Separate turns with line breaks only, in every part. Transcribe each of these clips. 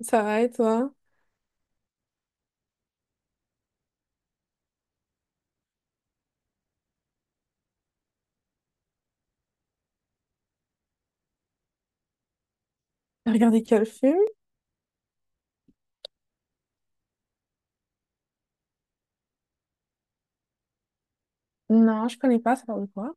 Ça va et toi? T'as regardé quel film? Non, je connais pas, ça parle de quoi?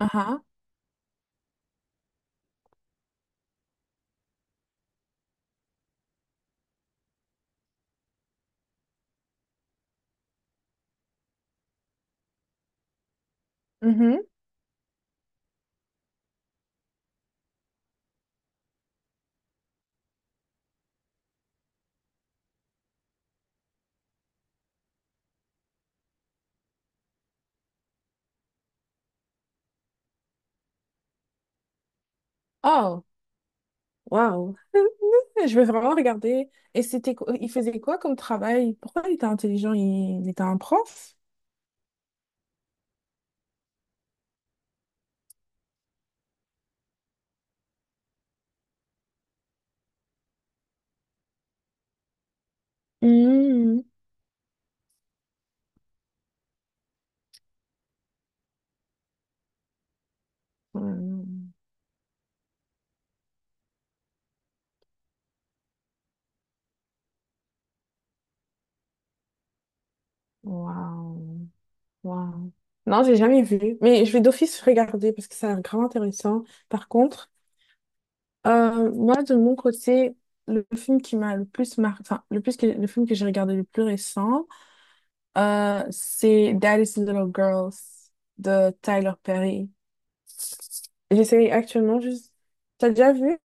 Ah ah. Mhm. Oh, waouh. Je vais vraiment regarder. Et c'était il faisait quoi comme travail? Pourquoi il était intelligent? Il était un prof? Mhm. Hmm. Waouh. Waouh. Non, j'ai jamais vu. Mais je vais d'office regarder parce que ça a l'air grave intéressant. Par contre, moi, de mon côté, le film qui m'a le plus marqué, enfin, le plus le film que j'ai regardé le plus récent, c'est Daddy's Little Girls de Tyler Perry. J'essaye actuellement juste. T'as déjà vu?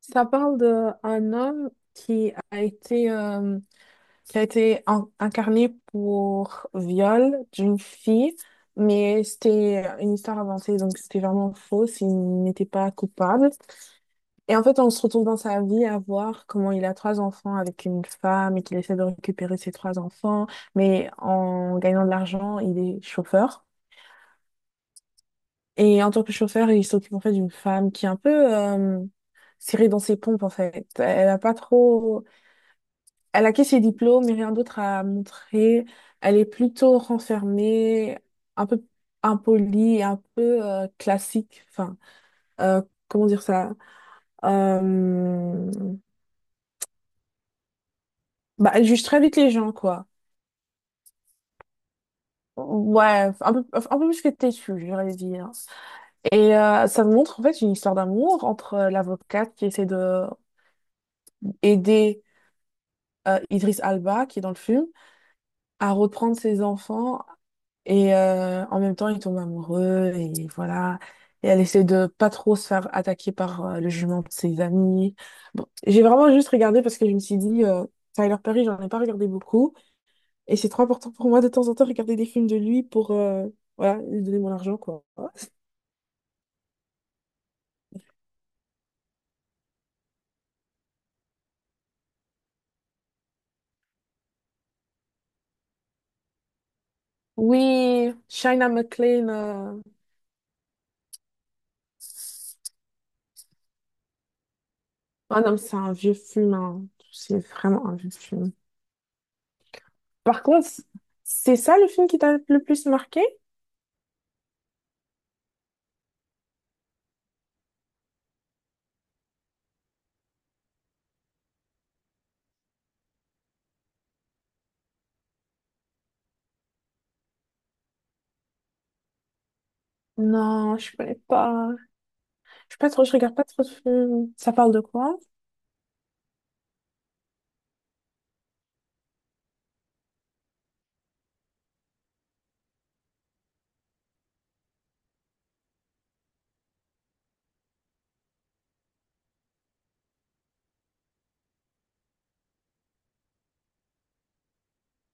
Ça parle d'un homme qui a été euh, qui a été incarnée pour viol d'une fille, mais c'était une histoire avancée, donc c'était vraiment faux, il n'était pas coupable. Et en fait, on se retrouve dans sa vie à voir comment il a trois enfants avec une femme et qu'il essaie de récupérer ses trois enfants, mais en gagnant de l'argent, il est chauffeur. Et en tant que chauffeur, il s'occupe en fait d'une femme qui est un peu serrée dans ses pompes en fait. Elle a pas trop. Elle a que ses diplômes et rien d'autre à montrer. Elle est plutôt renfermée, un peu impolie, et un peu classique. Enfin, euh, comment dire ça? Euh, Bah, elle juge très vite les gens, quoi. Ouais, un peu plus que têtue, j'aurais dire. Et ça montre en fait une histoire d'amour entre l'avocate qui essaie de aider Idriss Alba, qui est dans le film, à reprendre ses enfants. Et en même temps, ils tombent amoureux et voilà. Et elle essaie de pas trop se faire attaquer par le jument de ses amis. Bon, j'ai vraiment juste regardé parce que je me suis dit, Tyler Perry, j'en ai pas regardé beaucoup. Et c'est trop important pour moi de temps en temps regarder des films de lui pour voilà, lui donner mon argent, quoi. Oui, Shaina McLean. euh, Ah non, mais c'est un vieux film, hein. C'est vraiment un vieux film. Par contre, c'est ça le film qui t'a le plus marqué? Non, je connais pas. Je suis pas trop, je regarde pas trop de films. Ça parle de quoi?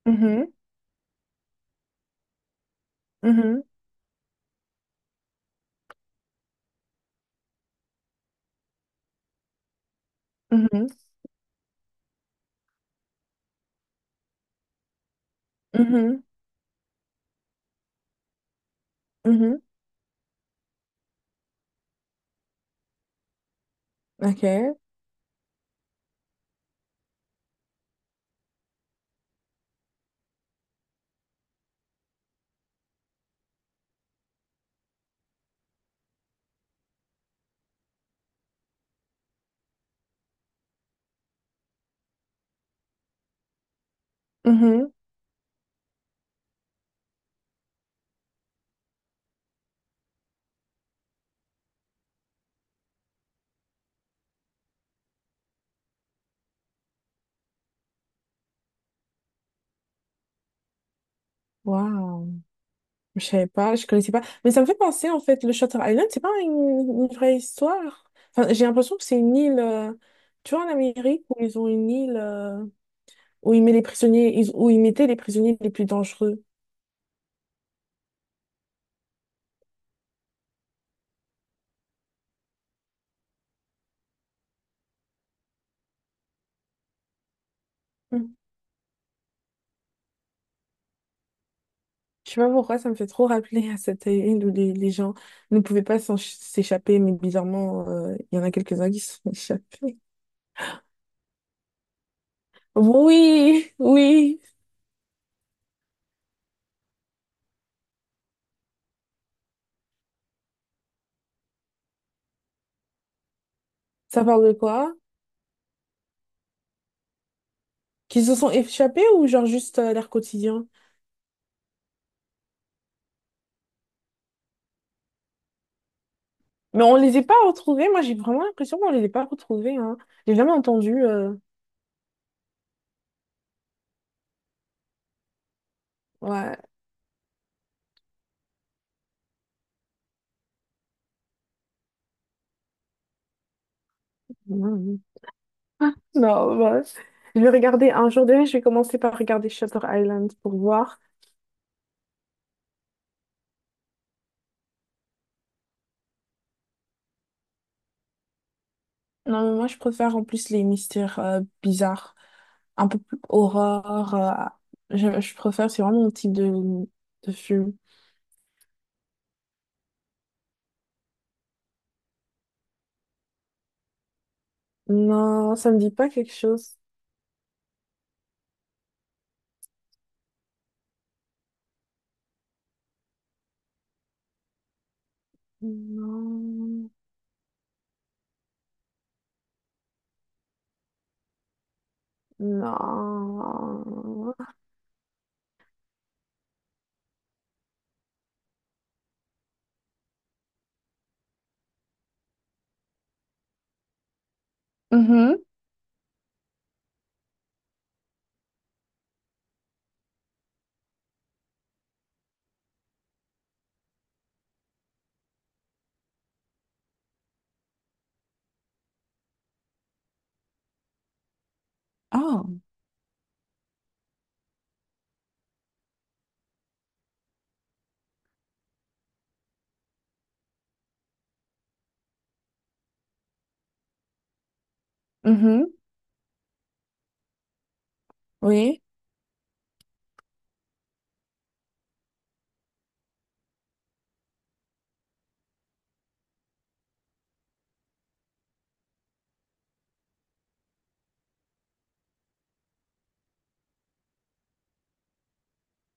Mhm, mhm, mhm, mhm, mhm. Ok. Mhm. Waouh, je savais pas, je connaissais pas. Mais ça me fait penser en fait, le Shutter Island, c'est pas une vraie histoire. Enfin, j'ai l'impression que c'est une île, tu vois, en Amérique où ils ont une île où ils mettent les prisonniers, où ils mettaient les prisonniers les plus dangereux. Mm. Je sais pas pourquoi, ça me fait trop rappeler à cette île où les gens ne pouvaient pas s'échapper, mais bizarrement, il y en a quelques-uns qui se sont échappés. Oui, oui. Ça parle de quoi? Qu'ils se sont échappés ou genre juste leur quotidien? Mais on les a pas retrouvés. Moi, j'ai vraiment l'impression qu'on les a pas retrouvés, hein. J'ai jamais entendu. Ouais. Mm. Non, bah, je vais regarder un jour déjà. Je vais commencer par regarder Shutter Island pour voir. Non, mais moi, je préfère en plus les mystères bizarres, un peu plus horreur. Je préfère, c'est vraiment mon type de film. Non, ça me dit pas quelque chose. Non. Non. Mhm. Ah. Mhm. Oui.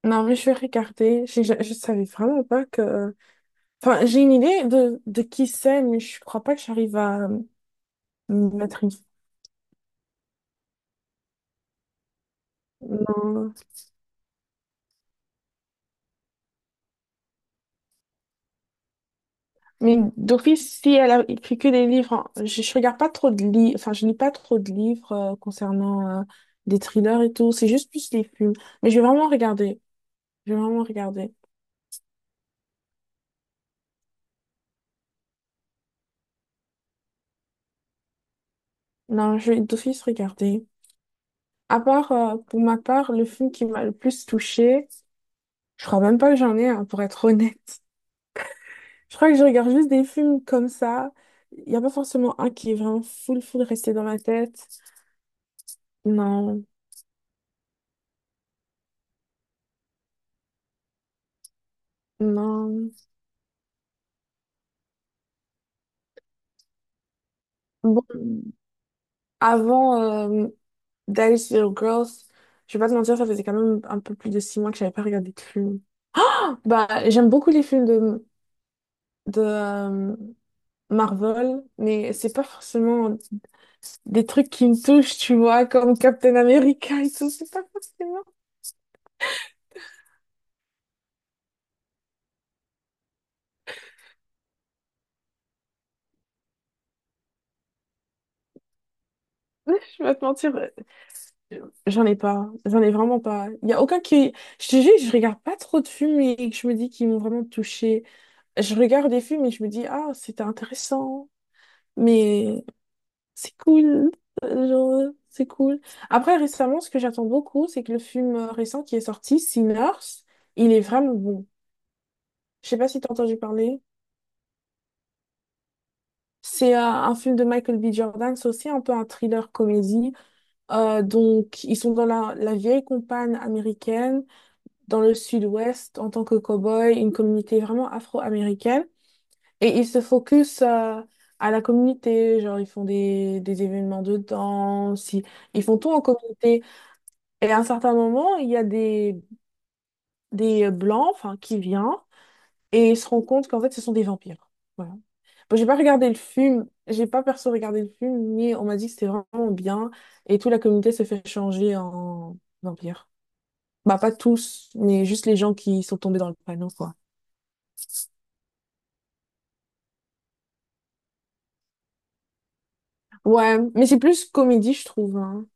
Non, mais je vais regarder. Je savais vraiment pas que... Enfin, j'ai une idée de qui c'est, mais je crois pas que j'arrive à mettre une... Non. Mais d'office, si elle a écrit que des livres, hein, je regarde pas trop de livres, enfin, je lis pas trop de livres concernant des thrillers et tout. C'est juste plus les films. Mais je vais vraiment regarder. Je vais vraiment regarder. Non, je vais d'office regarder. À part, pour ma part, le film qui m'a le plus touchée, je crois même pas que j'en ai un, pour être honnête. Je crois que je regarde juste des films comme ça. Il n'y a pas forcément un qui est vraiment full, full resté dans ma tête. Non, non. Bon, avant. euh, Dice Little Girls. Je vais pas te mentir, ça faisait quand même un peu plus de 6 mois que j'avais pas regardé de film. Bah, j'aime beaucoup les films de Marvel, mais c'est pas forcément des trucs qui me touchent, tu vois, comme Captain America et tout. C'est pas forcément. Je vais pas te mentir, j'en ai pas. J'en ai vraiment pas. Il y a aucun qui. Je te jure, je regarde pas trop de films et que je me dis qu'ils m'ont vraiment touchée. Je regarde des films et je me dis, ah, c'était intéressant. Mais. C'est cool. Genre, c'est cool. Après, récemment, ce que j'attends beaucoup, c'est que le film récent qui est sorti, Sinners, il est vraiment bon. Je sais pas si t'as entendu parler. C'est un film de Michael B. Jordan, c'est aussi un peu un thriller comédie. Donc, ils sont dans la vieille campagne américaine, dans le sud-ouest, en tant que cow-boy, une communauté vraiment afro-américaine. Et ils se focus à la communauté, genre ils font des événements de danse, ils font tout en communauté. Et à un certain moment, il y a des blancs enfin, qui viennent et ils se rendent compte qu'en fait, ce sont des vampires. Voilà. Bon, j'ai pas regardé le film, j'ai pas perso regardé le film, mais on m'a dit que c'était vraiment bien et toute la communauté s'est fait changer en vampire. Bah, pas tous, mais juste les gens qui sont tombés dans le panneau, quoi. Ouais, mais c'est plus comédie, je trouve. Hein.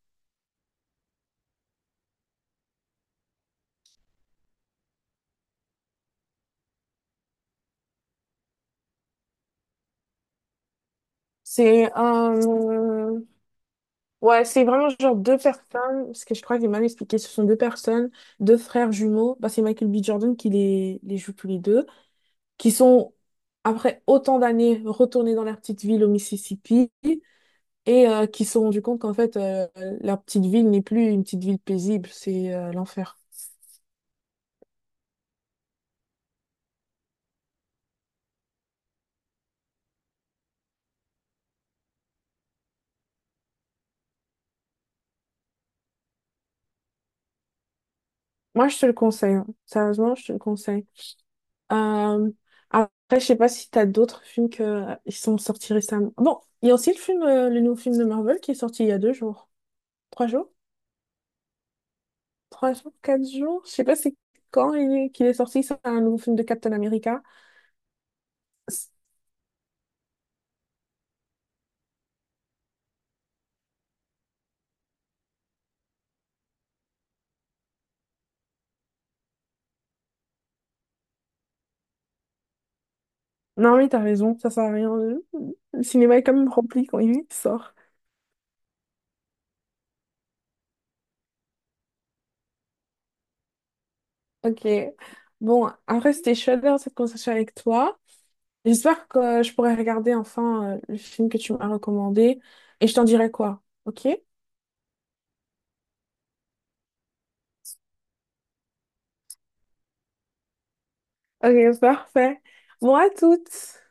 C'est un... Ouais, c'est vraiment genre deux personnes, parce que je crois que j'ai mal expliqué, ce sont deux personnes, deux frères jumeaux, bah, c'est Michael B. Jordan qui les joue tous les deux, qui sont, après autant d'années, retournés dans leur petite ville au Mississippi, et qui se sont rendus compte qu'en fait, leur petite ville n'est plus une petite ville paisible, c'est l'enfer. Moi, je te le conseille, hein. Sérieusement, je te le conseille. Euh, après, je sais pas si t'as d'autres films que ils sont sortis récemment. Bon, il y a aussi le film, le nouveau film de Marvel qui est sorti il y a deux jours, trois jours, trois jours, quatre jours. Je sais pas c'est quand il est, qu'il est sorti. C'est un nouveau film de Captain America. C'est- Non mais t'as raison, ça sert à rien. Le cinéma est quand même rempli quand il sort. Ok. Bon, après c'était chouette d'avoir cette conversation avec toi. J'espère que je pourrai regarder enfin le film que tu m'as recommandé et je t'en dirai quoi. Ok? Ok, parfait. Moi, toutes.